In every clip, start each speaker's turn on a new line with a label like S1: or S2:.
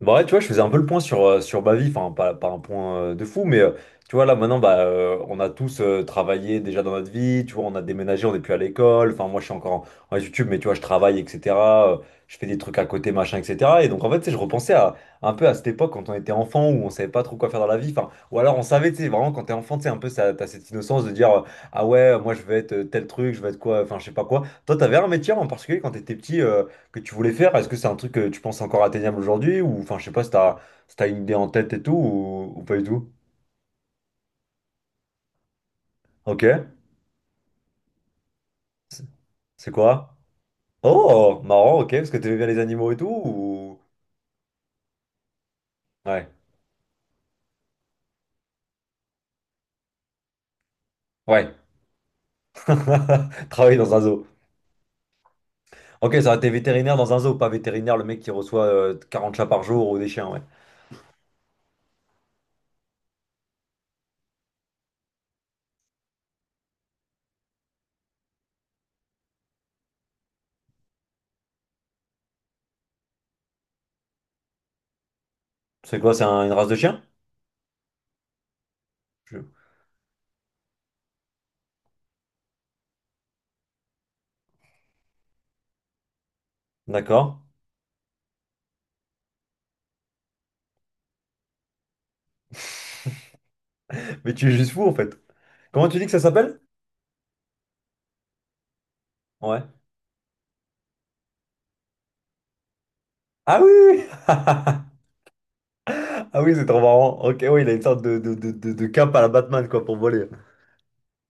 S1: Bah ouais, tu vois, je faisais un peu le point sur, sur ma vie, enfin pas un point de fou, mais tu vois, là maintenant, bah, on a tous travaillé déjà dans notre vie, tu vois, on a déménagé, on n'est plus à l'école, enfin moi je suis encore en YouTube, mais tu vois, je travaille, etc. euh, je fais des trucs à côté, machin, etc. Et donc en fait, tu sais, je repensais un peu à cette époque quand on était enfant, où on savait pas trop quoi faire dans la vie, enfin, ou alors on savait, tu sais, vraiment quand t'es enfant, tu sais, un peu, t'as cette innocence de dire, ah ouais, moi je vais être tel truc, je vais être quoi, enfin je sais pas quoi. Toi, t'avais un métier en particulier quand t'étais petit, que tu voulais faire? Est-ce que c'est un truc que tu penses encore atteignable aujourd'hui? Ou enfin, je sais pas si t'as une idée en tête et tout, ou pas du tout. Ok. C'est c'est quoi? Oh, marrant, ok, parce que t'aimais bien les animaux et tout, ou... Ouais. Ouais. Travailler dans un zoo. Ok, ça aurait été vétérinaire dans un zoo, pas vétérinaire, le mec qui reçoit 40 chats par jour ou des chiens, ouais. C'est quoi, c'est une race de chien? Je- D'accord. Mais tu es juste fou, en fait. Comment tu dis que ça s'appelle? Ouais. Ah oui! Ah oui, c'est trop marrant. Ok, oui, il a une sorte de cape à la Batman, quoi, pour voler.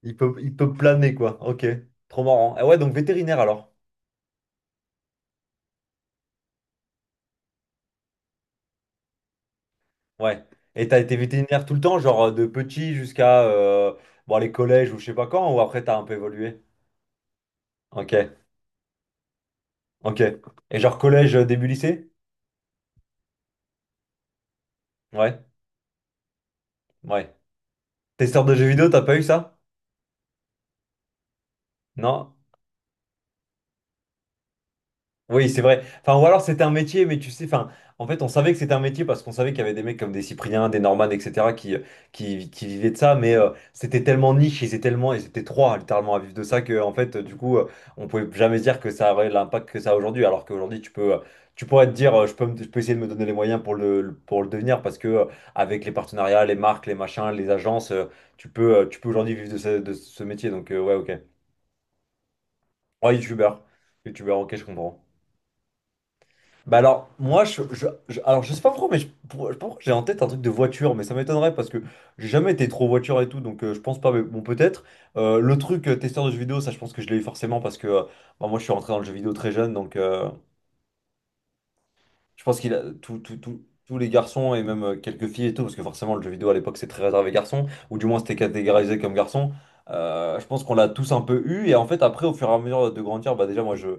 S1: Il peut planer, quoi. Ok, trop marrant. Ah ouais, donc vétérinaire alors. Ouais. Et t'as été vétérinaire tout le temps, genre de petit jusqu'à bon, les collèges ou je sais pas quand, ou après t'as un peu évolué. Ok, ok. Et genre collège, début lycée? Ouais, ouais. Testeur de jeux vidéo, t'as pas eu ça? Non? Oui, c'est vrai. Enfin, ou alors c'était un métier, mais tu sais, enfin, en fait, on savait que c'était un métier parce qu'on savait qu'il y avait des mecs comme des Cypriens, des Norman, etc., qui, qui vivaient de ça, mais c'était tellement niche, ils étaient trois littéralement à vivre de ça que, en fait, du coup, on pouvait jamais se dire que ça aurait l'impact que ça a aujourd'hui, alors qu'aujourd'hui, tu pourrais te dire, je peux essayer de me donner les moyens pour pour le devenir parce que, avec les partenariats, les marques, les machins, les agences, tu peux aujourd'hui vivre de ce métier, donc, ouais, ok. Ouais, youtubeur, youtubeur, ok, je comprends. Bah alors, moi, alors, je sais pas pourquoi, je sais pas pourquoi j'ai en tête un truc de voiture, mais ça m'étonnerait parce que j'ai jamais été trop voiture et tout, donc je pense pas, mais bon, peut-être. Le truc testeur de jeux vidéo, ça, je pense que je l'ai eu forcément parce que bah, moi, je suis rentré dans le jeu vidéo très jeune, donc. Je pense qu'il a tous les garçons et même quelques filles et tout, parce que forcément le jeu vidéo à l'époque c'est très réservé garçons, ou du moins c'était catégorisé comme garçon. Je pense qu'on l'a tous un peu eu, et en fait après au fur et à mesure de grandir, bah déjà moi je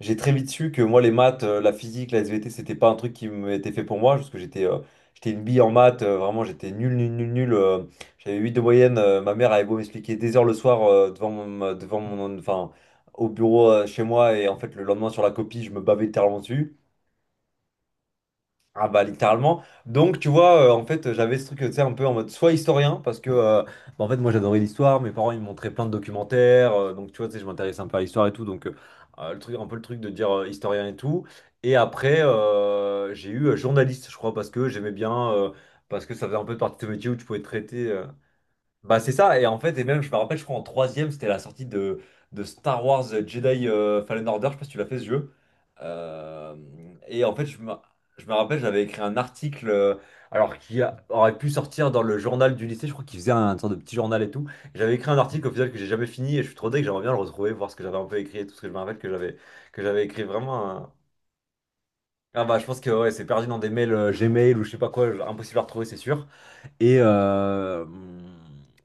S1: j'ai très vite su que moi les maths, la physique, la SVT c'était pas un truc qui m'était fait pour moi, parce que j'étais une bille en maths, vraiment j'étais nul, nul, nul, nul. J'avais 8 de moyenne, ma mère avait beau m'expliquer des heures le soir enfin, au bureau chez moi, et en fait le lendemain sur la copie je me bavais littéralement dessus. Ah bah littéralement. Donc tu vois, en fait, j'avais ce truc, tu sais, un peu en mode soit historien, parce que bah, en fait moi j'adorais l'histoire, mes parents ils me montraient plein de documentaires, donc tu vois, tu sais, je m'intéressais un peu à l'histoire et tout, donc le truc, un peu le truc de dire historien et tout. Et après j'ai eu journaliste, je crois, parce que j'aimais bien, parce que ça faisait un peu partie de ce métier où tu pouvais traiter. Bah c'est ça, et en fait, et même je me rappelle, je crois en troisième, c'était la sortie de Star Wars Jedi Fallen Order, je sais pas si tu l'as fait ce jeu. Euh, et en fait, je me rappelle, j'avais écrit un article, alors aurait pu sortir dans le journal du lycée, je crois qu'il faisait sorte de petit journal et tout. J'avais écrit un article au final que j'ai jamais fini, et je suis trop deg, j'aimerais bien le retrouver, voir ce que j'avais un peu écrit et tout, ce que je me rappelle que j'avais écrit vraiment Ah bah je pense que ouais, c'est perdu dans des mails Gmail ou je sais pas quoi, impossible à retrouver, c'est sûr. Et, euh,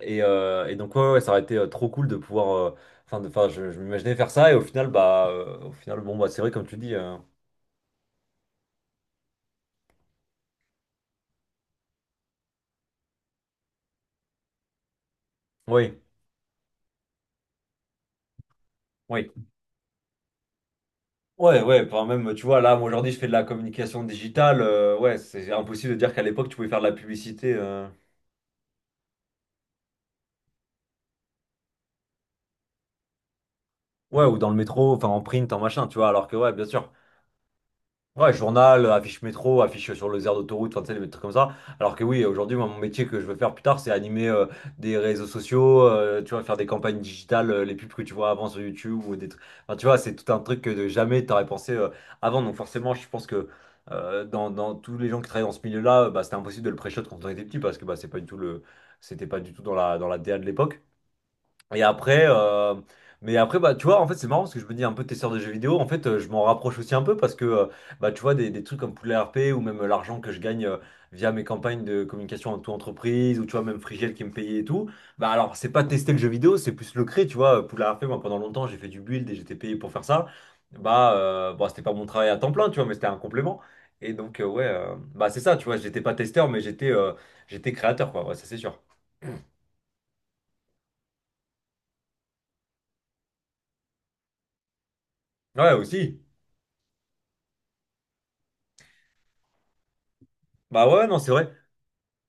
S1: et donc, ouais, ouais, ça aurait été trop cool de pouvoir. Enfin, enfin, je m'imaginais faire ça, et au final, bah, au final, bon, bah, c'est vrai, comme tu dis. Oui, oui. Ouais, ouais, enfin, même, tu vois, là, moi, aujourd'hui, je fais de la communication digitale. Ouais, c'est impossible de dire qu'à l'époque, tu pouvais faire de la publicité. Ouais, ou dans le métro, enfin, en print, en machin, tu vois, alors que, ouais, bien sûr. Ouais, journal, affiche métro, affiche sur les aires d'autoroute, enfin, tu sais, des trucs comme ça. Alors que oui, aujourd'hui, moi, mon métier que je veux faire plus tard, c'est animer des réseaux sociaux, tu vois, faire des campagnes digitales, les pubs que tu vois avant sur YouTube ou des trucs. Enfin, tu vois, c'est tout un truc que de jamais t'aurais pensé avant. Donc forcément, je pense que dans tous les gens qui travaillent dans ce milieu-là, bah, c'était impossible de le pré-shot quand on était petit parce que bah, c'est pas du tout le... c'était pas du tout dans la DA de l'époque. Et après, euh, mais après, bah, tu vois, en fait, c'est marrant parce que je me dis un peu testeur de jeux vidéo. En fait, je m'en rapproche aussi un peu parce que, bah, tu vois, des trucs comme Poulet RP ou même l'argent que je gagne via mes campagnes de communication en toute entreprise ou tu vois, même Frigel qui me payait et tout. Bah, alors, c'est pas tester le jeu vidéo, c'est plus le créer, tu vois. Poulet RP, moi, pendant longtemps, j'ai fait du build et j'étais payé pour faire ça. Bah, bon, c'était pas mon travail à temps plein, tu vois, mais c'était un complément. Et donc, ouais, bah, c'est ça, tu vois, j'étais pas testeur, mais j'étais créateur, quoi, ouais, ça c'est sûr. Ouais, aussi. Bah, ouais, non, c'est vrai.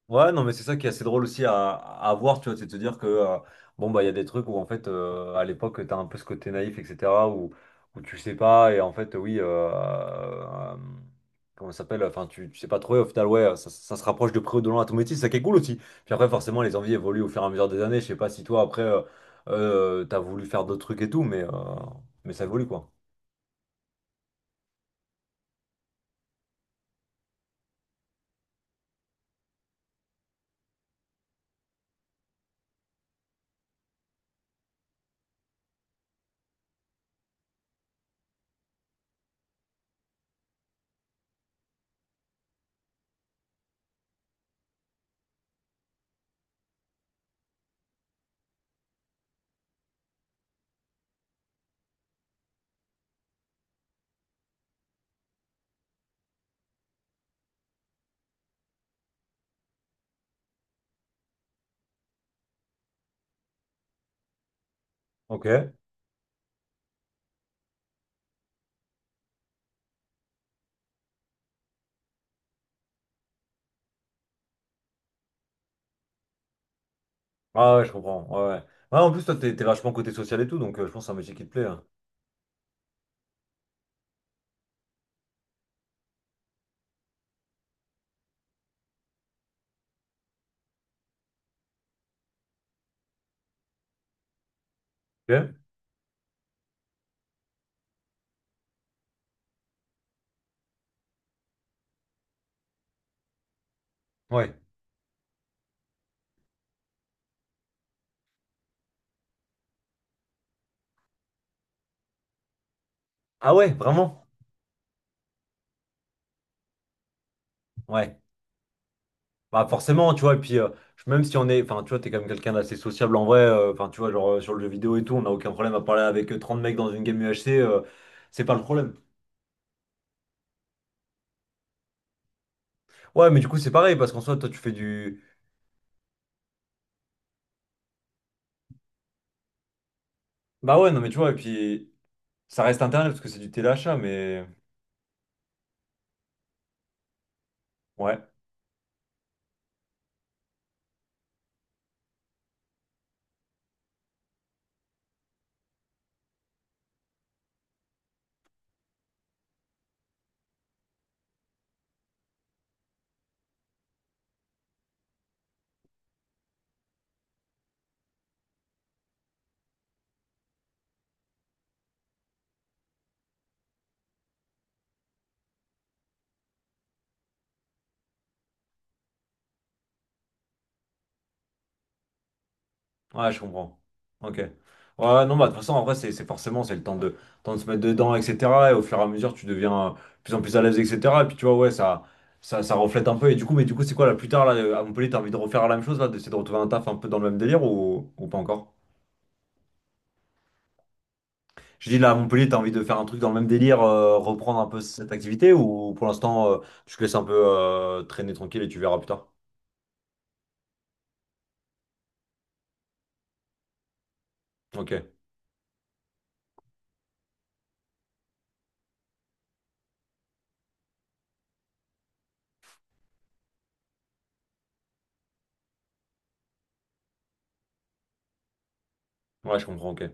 S1: Ouais, non, mais c'est ça qui est assez drôle aussi à voir, tu vois, c'est de te dire que, bon, bah, il y a des trucs où, en fait, à l'époque, t'as un peu ce côté naïf, etc., où, où tu sais pas, et en fait, oui, comment ça s'appelle, enfin, tu sais pas trop, et au final, ouais, ça se rapproche de près ou de loin à ton métier, c'est ça qui est cool aussi. Puis après, forcément, les envies évoluent au fur et à mesure des années, je sais pas si toi, après, t'as voulu faire d'autres trucs et tout, mais ça évolue, quoi. Ok. Ah ouais, je comprends, ouais, ouais. Ouais, en plus, toi, t'es vachement côté social et tout, donc je pense que c'est un métier qui te plaît, hein. Ok. Ouais. Ah ouais, vraiment? Ouais. Bah forcément, tu vois, et puis même si on est, enfin tu vois, t'es quand même quelqu'un d'assez sociable en vrai, enfin tu vois, genre sur le jeu vidéo et tout, on n'a aucun problème à parler avec 30 mecs dans une game UHC, c'est pas le problème. Ouais, mais du coup c'est pareil, parce qu'en soi, toi tu fais du... Bah ouais, non mais tu vois, et puis ça reste internet parce que c'est du téléachat, mais... Ouais. Ouais, je comprends. Ok. Ouais, non, bah, de toute façon, en vrai, c'est forcément, c'est le temps de se mettre dedans, etc. Et au fur et à mesure, tu deviens de plus en plus à l'aise, etc. Et puis, tu vois, ouais, ça reflète un peu. Mais du coup, c'est quoi, là, plus tard, là, à Montpellier, t'as envie de refaire la même chose, là, d'essayer de retrouver un taf un peu dans le même délire ou pas encore? Je dis, là, à Montpellier, t'as envie de faire un truc dans le même délire, reprendre un peu cette activité ou pour l'instant, tu te laisses un peu traîner tranquille et tu verras plus tard? Ok. Ouais, je comprends, ok.